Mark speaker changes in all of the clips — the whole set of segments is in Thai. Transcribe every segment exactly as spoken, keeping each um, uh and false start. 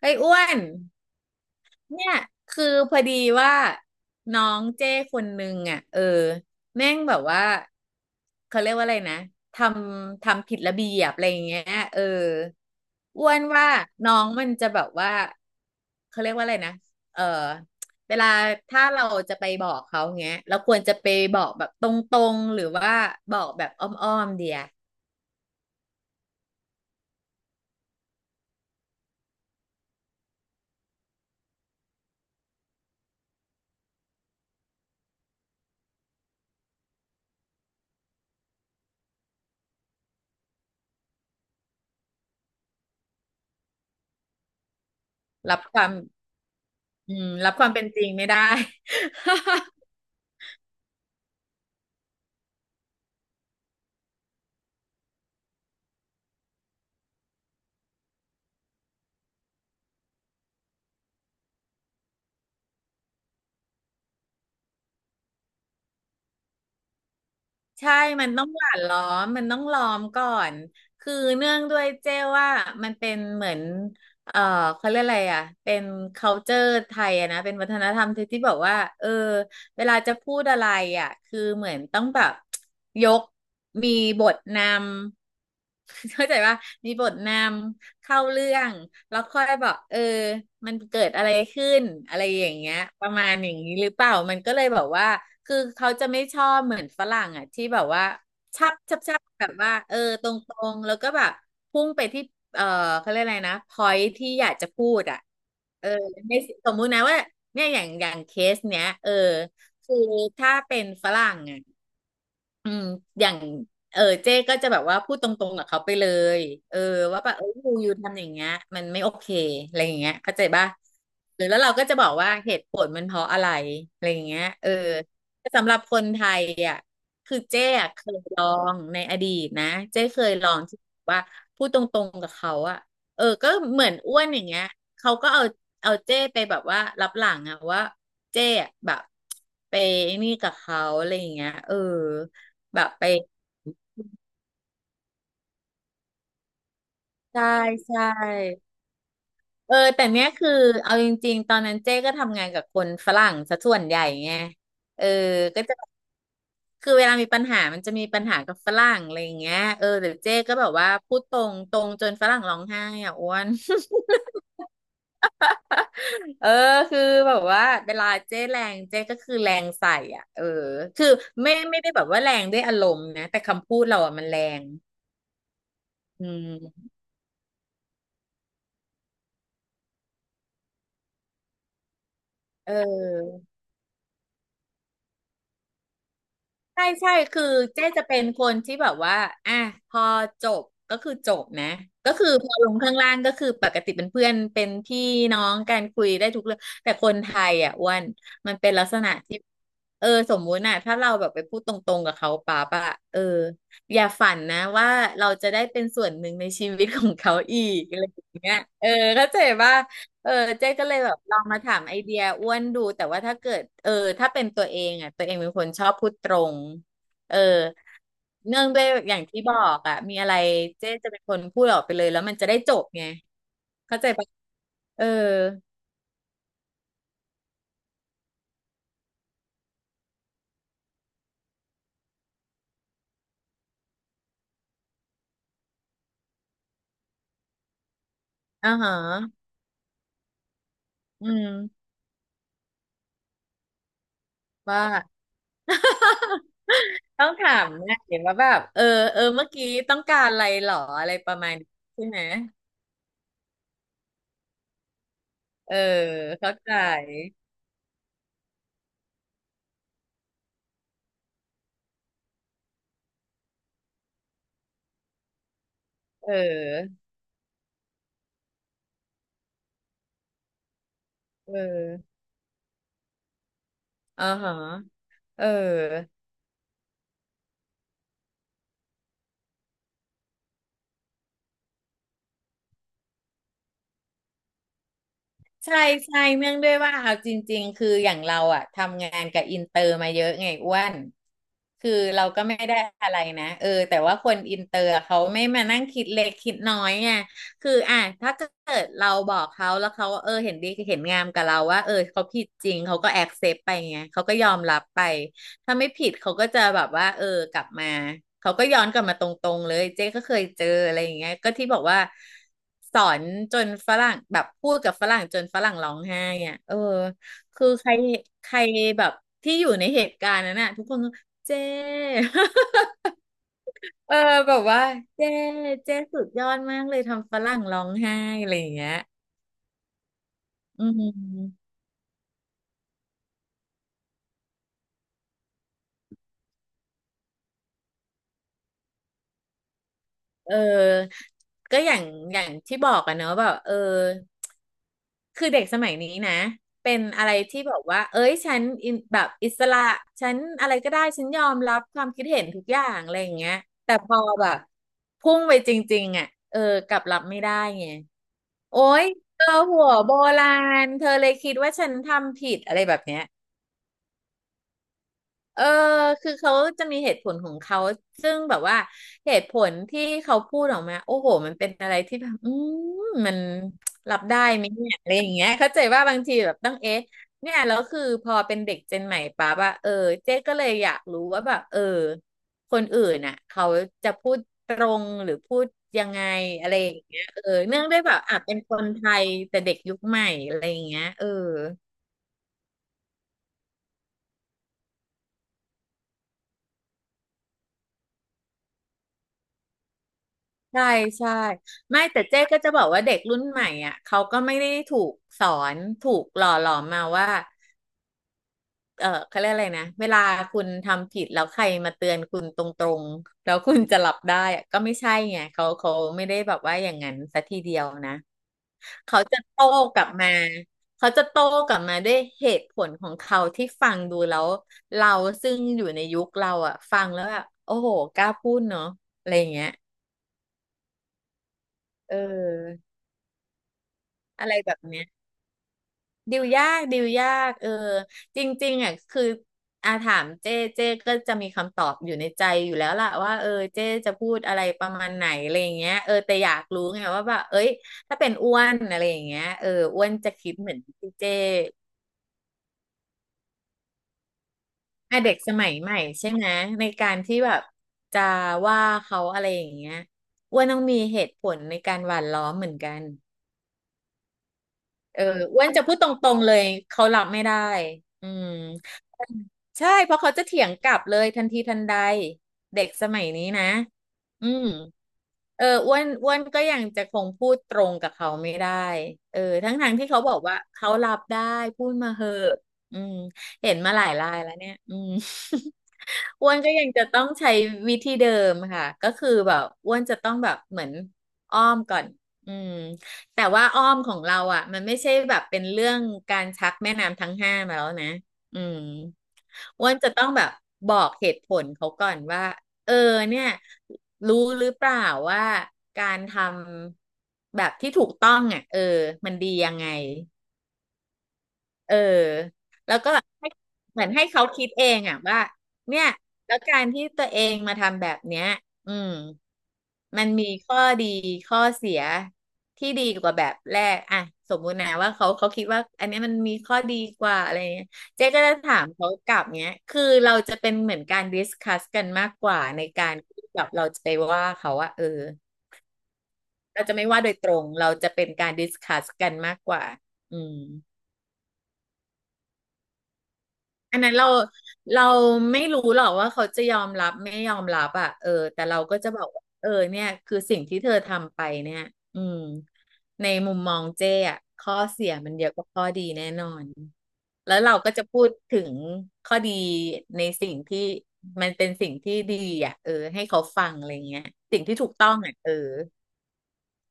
Speaker 1: เฮ้ยอ้วนเนี่ยคือพอดีว่าน้องเจ้คนนึงอ่ะเออแม่งแบบว่าเขาเรียกว่าอะไรนะทำทำผิดระเบียบอะไรอย่างเงี้ยเอออ้วนว่าน้องมันจะแบบว่าเขาเรียกว่าอะไรนะเออเวลาถ้าเราจะไปบอกเขาเงี้ยเราควรจะไปบอกแบบตรงๆหรือว่าบอกแบบอ้อมๆเดียรับความอืมรับความเป็นจริงไม่ได้ ใช่มันต้องหวานล้อมมันต้องล้อมก่อนคือเนื่องด้วยเจ้ว่ามันเป็นเหมือนเออเขาเรียกอะไรอ่ะเป็น culture ไทยอะนะเป็นวัฒนธรรมไทยที่บอกว่าเออเวลาจะพูดอะไรอ่ะคือเหมือนต้องแบบยกมีบทนำ เข้าใจว่ามีบทนำ เข้าเรื่องแล้วค่อยบอกเออมันเกิดอะไรขึ้นอะไรอย่างเงี้ยประมาณอย่างนี้หรือเปล่ามันก็เลยแบบว่าคือเขาจะไม่ชอบเหมือนฝรั่งอ่ะที่แบบว่าชับชับชับแบบว่าเออตรงๆแล้วก็แบบพุ่งไปที่เออเขาเรียกอะไรนะ point ที่อยากจะพูดอ่ะเออในสมมุตินะว่าเนี่ยอย่างอย่างเคสเนี้ยเออคือถ้าเป็นฝรั่งอ่ะ อืมอย่างเออเจ๊ก็จะแบบว่าพูดตรงๆกับเขาไปเลยเออว่าแบบเออยูยูทำอย่างเงี้ยมันไม่โอเคอะไรอย่างเงี้ยเข้าใจป่ะหรือแล้วเราก็จะบอกว่าเหตุผลมันเพราะอะไรอะไรอย่างเงี้ยเออสำหรับคนไทยอ่ะคือเจ๊อะเคยลองในอดีตนะเจ๊เคยลองที่ว่าพูดตรงๆกับเขาอ่ะเออก็เหมือนอ้วนอย่างเงี้ยเขาก็เอาเอาเจ้ไปแบบว่ารับหลังอะว่าเจ้อะแบบไปนี่กับเขาอะไรอย่างเงี้ยเออ แบบไปใช่ใช่เออแต่เนี้ยคือเอาจริงๆตอนนั้นเจ๊ก็ทำงานกับคนฝรั่งซะส่วนใหญ่ไงเออก็จะคือเวลามีปัญหามันจะมีปัญหากับฝรั่งอะไรอย่างเงี้ยเออแต่เจ๊ก็แบบว่าพูดตรงตรงจนฝรั่งร้องไห้อ่ะอ้วน เออคือแบบว่าเวลาเจ๊แรงเจ๊ก็คือแรงใส่อ่ะเออคือไม่ไม่ได้แบบว่าแรงด้วยอารมณ์นะแต่คำพูดเราอ่ะมันแรงอืมเออ ใช่ใช่คือเจ๊จะเป็นคนที่แบบว่าอ่ะพอจบก็คือจบนะก็คือพอลงข้างล่างก็คือปกติเป็นเพื่อนเป็นพี่น้องการคุยได้ทุกเรื่องแต่คนไทยอ่ะอ้วันมันเป็นลักษณะที่เออสมมุติน่ะถ้าเราแบบไปพูดตรงๆกับเขาป๊าปะเอออย่าฝันนะว่าเราจะได้เป็นส่วนหนึ่งในชีวิตของเขาอีกอะไรอย่างเงี้ยเออเข้าใจป่ะ เออเจ๊ก็เลยแบบลองมาถามไอเดียอ้วนดูแต่ว่าถ้าเกิดเออถ้าเป็นตัวเองอ่ะตัวเองเป็นคนชอบพูดตรงเออเนื่องด้วยอย่างที่บอกอ่ะมีอะไรเจ๊จะเป็นคนพูดออกไปเลยแล้วมันจะได้จบไงเข้าใจปะเอออ่าฮะอืมว่า ต้องถามนะเห็นว่าแบบเออเออเมื่อกี้ต้องการอะไรหรออะไรประมาณนี้ใช่ไหมเออเข้าใจเออเอออ่าฮะเออ ใช่ใช่เนื่องด้วยว่าเอาจริงๆคืออย่างเราอะทำงานกับอินเตอร์มาเยอะไงอ้วนคือเราก็ไม่ได้อะไรนะเออแต่ว่าคนอินเตอร์เขาไม่มานั่งคิดเล็กคิดน้อยไงคืออ่ะถ้าเกิดเราบอกเขาแล้วเขาเออเห็นดีเห็นงามกับเราว่าเออเขาผิดจริงเขาก็แอคเซปต์ไปไงเขาก็ยอมรับไป ถ้าไม่ผิดเขาก็จะแบบว่าเออกลับมาเขาก็ย้อนกลับมาตรงๆเลยเจ๊ก็เคยเจออะไรอย่างเงี้ยก็ที่บอกว่าสอนจนฝรั่งแบบพูดกับฝรั่งจนฝรั่งร้องไห้อ่ะเออคือใครใครแบบที่อยู่ในเหตุการณ์นั้นน่ะทุกคนก็เจ๊ เออแบบว่าเจ๊เจ๊สุดยอดมากเลยทำฝรั่งร้องไห้อะไรอย่างเงี้ยอืมเออก็อย่างอย่างที่บอกอะเนอะแบบเออ คือเด็กสมัยนี้นะเป็นอะไรที่บอกว่าเอ้ยฉันอินแบบอิสระฉันอะไรก็ได้ฉันยอมรับความคิดเห็นทุกอย่างอะไรอย่างเงี้ยแต่พอแบบพุ่งไปจริงๆอ่ะเออกลับรับไม่ได้ไงโอ๊ยเธอหัวโบราณเธอเลยคิดว่าฉันทำผิดอะไรแบบเนี้ย เออคือเขาจะมีเหตุผลของเขาซึ่งแบบว่าเหตุผลที่เขาพูดออกมาโอ้โหมันเป็นอะไรที่แบบอืมมันรับได้ไหมเนี่ยอะไรอย่างเงี้ยเข้าใจว่าบางทีแบบต้องเอ๊ะเนี่ยแล้วคือพอเป็นเด็กเจนใหม่ปั๊บอะเออเจ๊ก็เลยอยากรู้ว่าแบบเออคนอื่นน่ะเขาจะพูดตรงหรือพูดยังไงอะไรอย่างเงี้ยเออเนื่องด้วยแบบอ่ะเป็นคนไทยแต่เด็กยุคใหม่อะไรอย่างเงี้ยเออ ใช่ใช่ไม่แต่เจ๊ก็จะบอกว่าเด็กรุ่นใหม่อ่ะเขาก็ไม่ได้ถูกสอนถูกหล่อหลอมมาว่าเออเขาเรียกอะไรนะเวลาคุณทำผิดแล้วใครมาเตือนคุณตรงๆแล้วคุณจะหลับได้อะก็ไม่ใช่ไงเขาเขาไม่ได้แบบว่าอย่างนั้นสัทีเดียวนะเขาจะโต้กลับมาเขาจะโต้กลับมาด้วยเหตุผลของเขาที่ฟังดูแล้วเราซึ่งอยู่ในยุคเราอ่ะฟังแล้วแบบโอ้โหกล้าพูดเนาะอะไรอย่างเงี้ยเอออะไรแบบเนี้ย ดิวยากดิวยากเออจริงๆอ่ะคืออาถามเจ้เจ้ก็จะมีคำตอบอยู่ในใจอยู่แล้วล่ะว่าเออเจ้จะพูดอะไรประมาณไหนอะไรอย่างเงี้ยเออแต่อยากรู้ไงว่าแบบเอ้ยถ้าเป็นอ้วนอะไรอย่างเงี้ยเอออ้วนจะคิดเหมือนที่เจ้อ่ะเด็กสมัยใหม่ใช่ไหมในการที่แบบจะว่าเขาอะไรอย่างเงี้ยอ้วนต้องมีเหตุผลในการหว่านล้อมเหมือนกันเอออ้วนจะพูดตรงๆเลยเขารับไม่ได้อืม ใช่เพราะเขาจะเถียงกลับเลยทันทีทันใดเด็กสมัยนี้นะอืมเอออ้วนอ้วนก็ยังจะคงพูดตรงกับเขาไม่ได้เออทั้งทางที่เขาบอกว่าเขารับได้พูดมาเหอะอืมเห็นมาหลายรายแล้วเนี่ยอืม อ้วนก็ยังจะต้องใช้วิธีเดิมค่ะก็คือแบบอ้วนจะต้องแบบเหมือนอ้อมก่อนอืมแต่ว่าอ้อมของเราอ่ะมันไม่ใช่แบบเป็นเรื่องการชักแม่น้ำทั้งห้ามาแล้วนะอืมอ้วนจะต้องแบบบอกเหตุผลเขาก่อนว่าเออเนี่ยรู้หรือเปล่าว่าการทำแบบที่ถูกต้องอ่ะเออมันดียังไง เออแล้วก็ให้เหมือนให้เขาคิดเองอ่ะว่าเนี่ยแล้วการที่ตัวเองมาทำแบบเนี้ยอืมมันมีข้อดีข้อเสียที่ดีกว่าแบบแรกอ่ะสมมุตินะว่าเขาเขาคิดว่าอันเนี้ยมันมีข้อดีกว่าอะไรเงี้ยเจ๊ก็จะถามเขากลับเนี้ยคือเราจะเป็นเหมือนการดิสคัสกันมากกว่าในการที่แบบเราจะไปว่าเขาว่าเออเราจะไม่ว่าโดยตรงเราจะเป็นการดิสคัสกันมากกว่าอืม อันนั้นเราเราไม่รู้หรอกว่าเขาจะยอมรับไม่ยอมรับอ่ะเออแต่เราก็จะบอกว่าเออเนี่ยคือสิ่งที่เธอทำไปเนี่ยอืมในมุมมองเจ้อ่ะข้อเสียมันเยอะกว่าข้อดีแน่นอนแล้วเราก็จะพูดถึงข้อดีในสิ่งที่มันเป็นสิ่งที่ดีอ่ะเออให้เขาฟังอะไรเงี้ยสิ่งที่ถูกต้องอ่ะเออ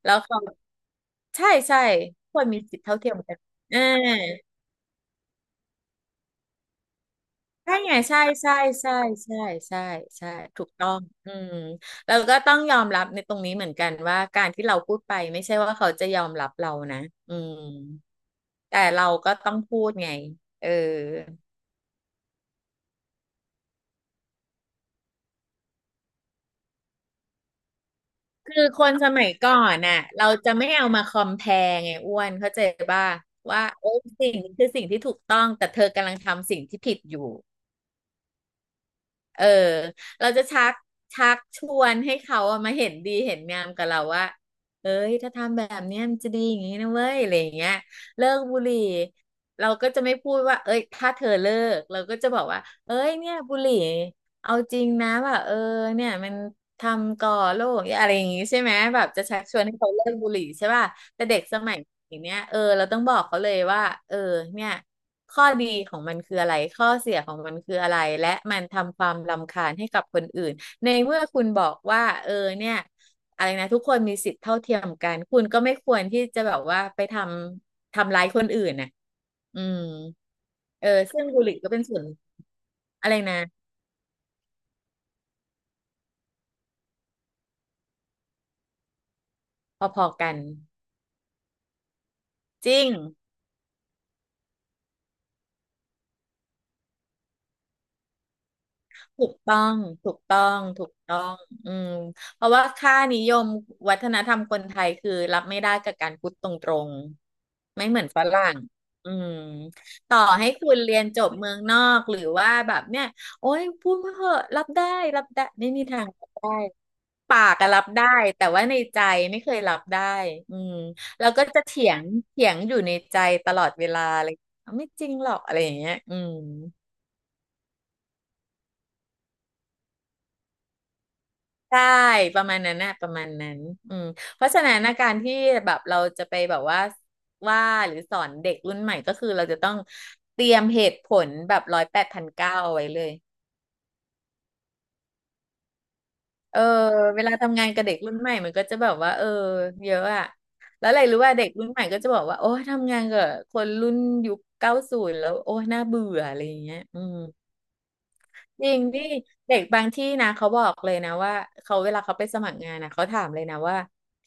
Speaker 1: แล้วเขาใช่ใช่ควรมีสิทธิเท่าเทียมกันอ่า ใช่ไงใช่ใช่ใช่ใช่ใช่ใช่ถูกต้องอืมแล้วก็ต้องยอมรับในตรงนี้เหมือนกันว่าการที่เราพูดไปไม่ใช่ว่าเขาจะยอมรับเรานะอืมแต่เราก็ต้องพูดไงเออคือคนสมัยก่อนน่ะเราจะไม่เอามาคอมแพร์ไงอ้วนเข้าใจป่ะว่าโอ้ยสิ่งนี้คือสิ่งที่ถูกต้องแต่เธอกำลังทำสิ่งที่ผิดอยู่ เออเราจะชักชักชวนให้เขาอะมาเห็นดีเห็นงามกับเราว่าเอ้ยถ้าทำแบบเนี้ยมันจะดีอย่างนี้นะเว้ยอะไรอย่างเงี้ยเลิกบุหรี่เราก็จะไม่พูดว่าเอ้ยถ้าเธอเลิกเราก็จะบอกว่าเอ้ยเนี่ยบุหรี่ เอาจริงนะแบบเออเนี่ยมันทำก่อโรคอะไรอย่างงี้ใช่ไหมแบบจะชักชวนให้เขาเลิกบุหรี่ใช่ป่ะแต่เด็กสมัยอย่างเนี้ยเออเราต้องบอกเขาเลยว่าเออเนี่ยข้อดีของมันคืออะไรข้อเสียของมันคืออะไรและมันทำความรำคาญให้กับคนอื่นในเมื่อคุณบอกว่าเออเนี่ยอะไรนะทุกคนมีสิทธิ์เท่าเทียมกันคุณก็ไม่ควรที่จะแบบว่าไปทำทำร้ายคนอื่นน่ะอืมเออซึ่งบุหรี่ก็เป็นส่วนอะไรนะพอๆกัน จริงถูกต้องถูกต้องถูกต้องอืมเพราะว่าค่านิยมวัฒนธรรมคนไทยคือรับไม่ได้กับการพูดตรงๆไม่เหมือนฝรั่งอืมต่อให้คุณเรียนจบเมืองนอกหรือว่าแบบเนี่ยโอ้ยพูดมาเหอะรับได้รับได้ไม่มีทางรับได้ปากอะรับได้แต่ว่าในใจไม่เคยรับได้อืมแล้วก็จะเถียงเถียงอยู่ในใจตลอดเวลาเลยไม่จริงหรอกอะไรอย่างเงี้ยอืม ใช่ประมาณนั้นนะประมาณนั้นอืมเพราะฉะนั้นนะการที่แบบเราจะไปแบบว่าว่าหรือสอนเด็กรุ่นใหม่ก็คือเราจะต้องเตรียมเหตุผลแบบร้อยแปดพันเก้าเอาไว้เลยเออเวลาทำงานกับเด็กรุ่นใหม่มันก็จะแบบว่าเออเยอะอะแล้วอะไรรู้ว่าเด็กรุ่นใหม่ก็จะบอกว่าโอ้ยทำงานกับคนรุ่นยุคเก้าศูนย์แล้วโอ้ยน่าเบื่ออะไรอย่างเงี้ยอืม จริงนี่เด็กบางที่นะเขาบอกเลยนะว่าเขาเวลาเขาไปสมัครงานนะเขาถามเลยนะว่า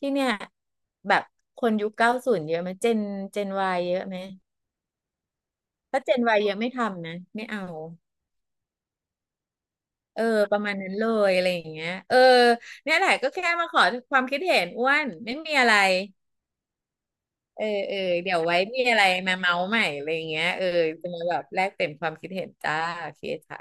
Speaker 1: ที่เนี่ยแบบคนยุคเก้าศูนย์เยอะไหมเจนเจนวายเยอะไหมถ้าเจนวายเยอะไม่ทำนะไม่เอาเออประมาณนั้นเลยอะไรอย่างเงี้ยเออเนี่ยแหละก็แค่มาขอความคิดเห็นอ้วนไม่มีอะไรเออเออเดี๋ยวไว้มีอะไรมาเมาส์ใหม่อะไรอย่างเงี้ยเออจะมาแบบแลกเปลี่ยนความคิดเห็นจ้าโอเคค่ะ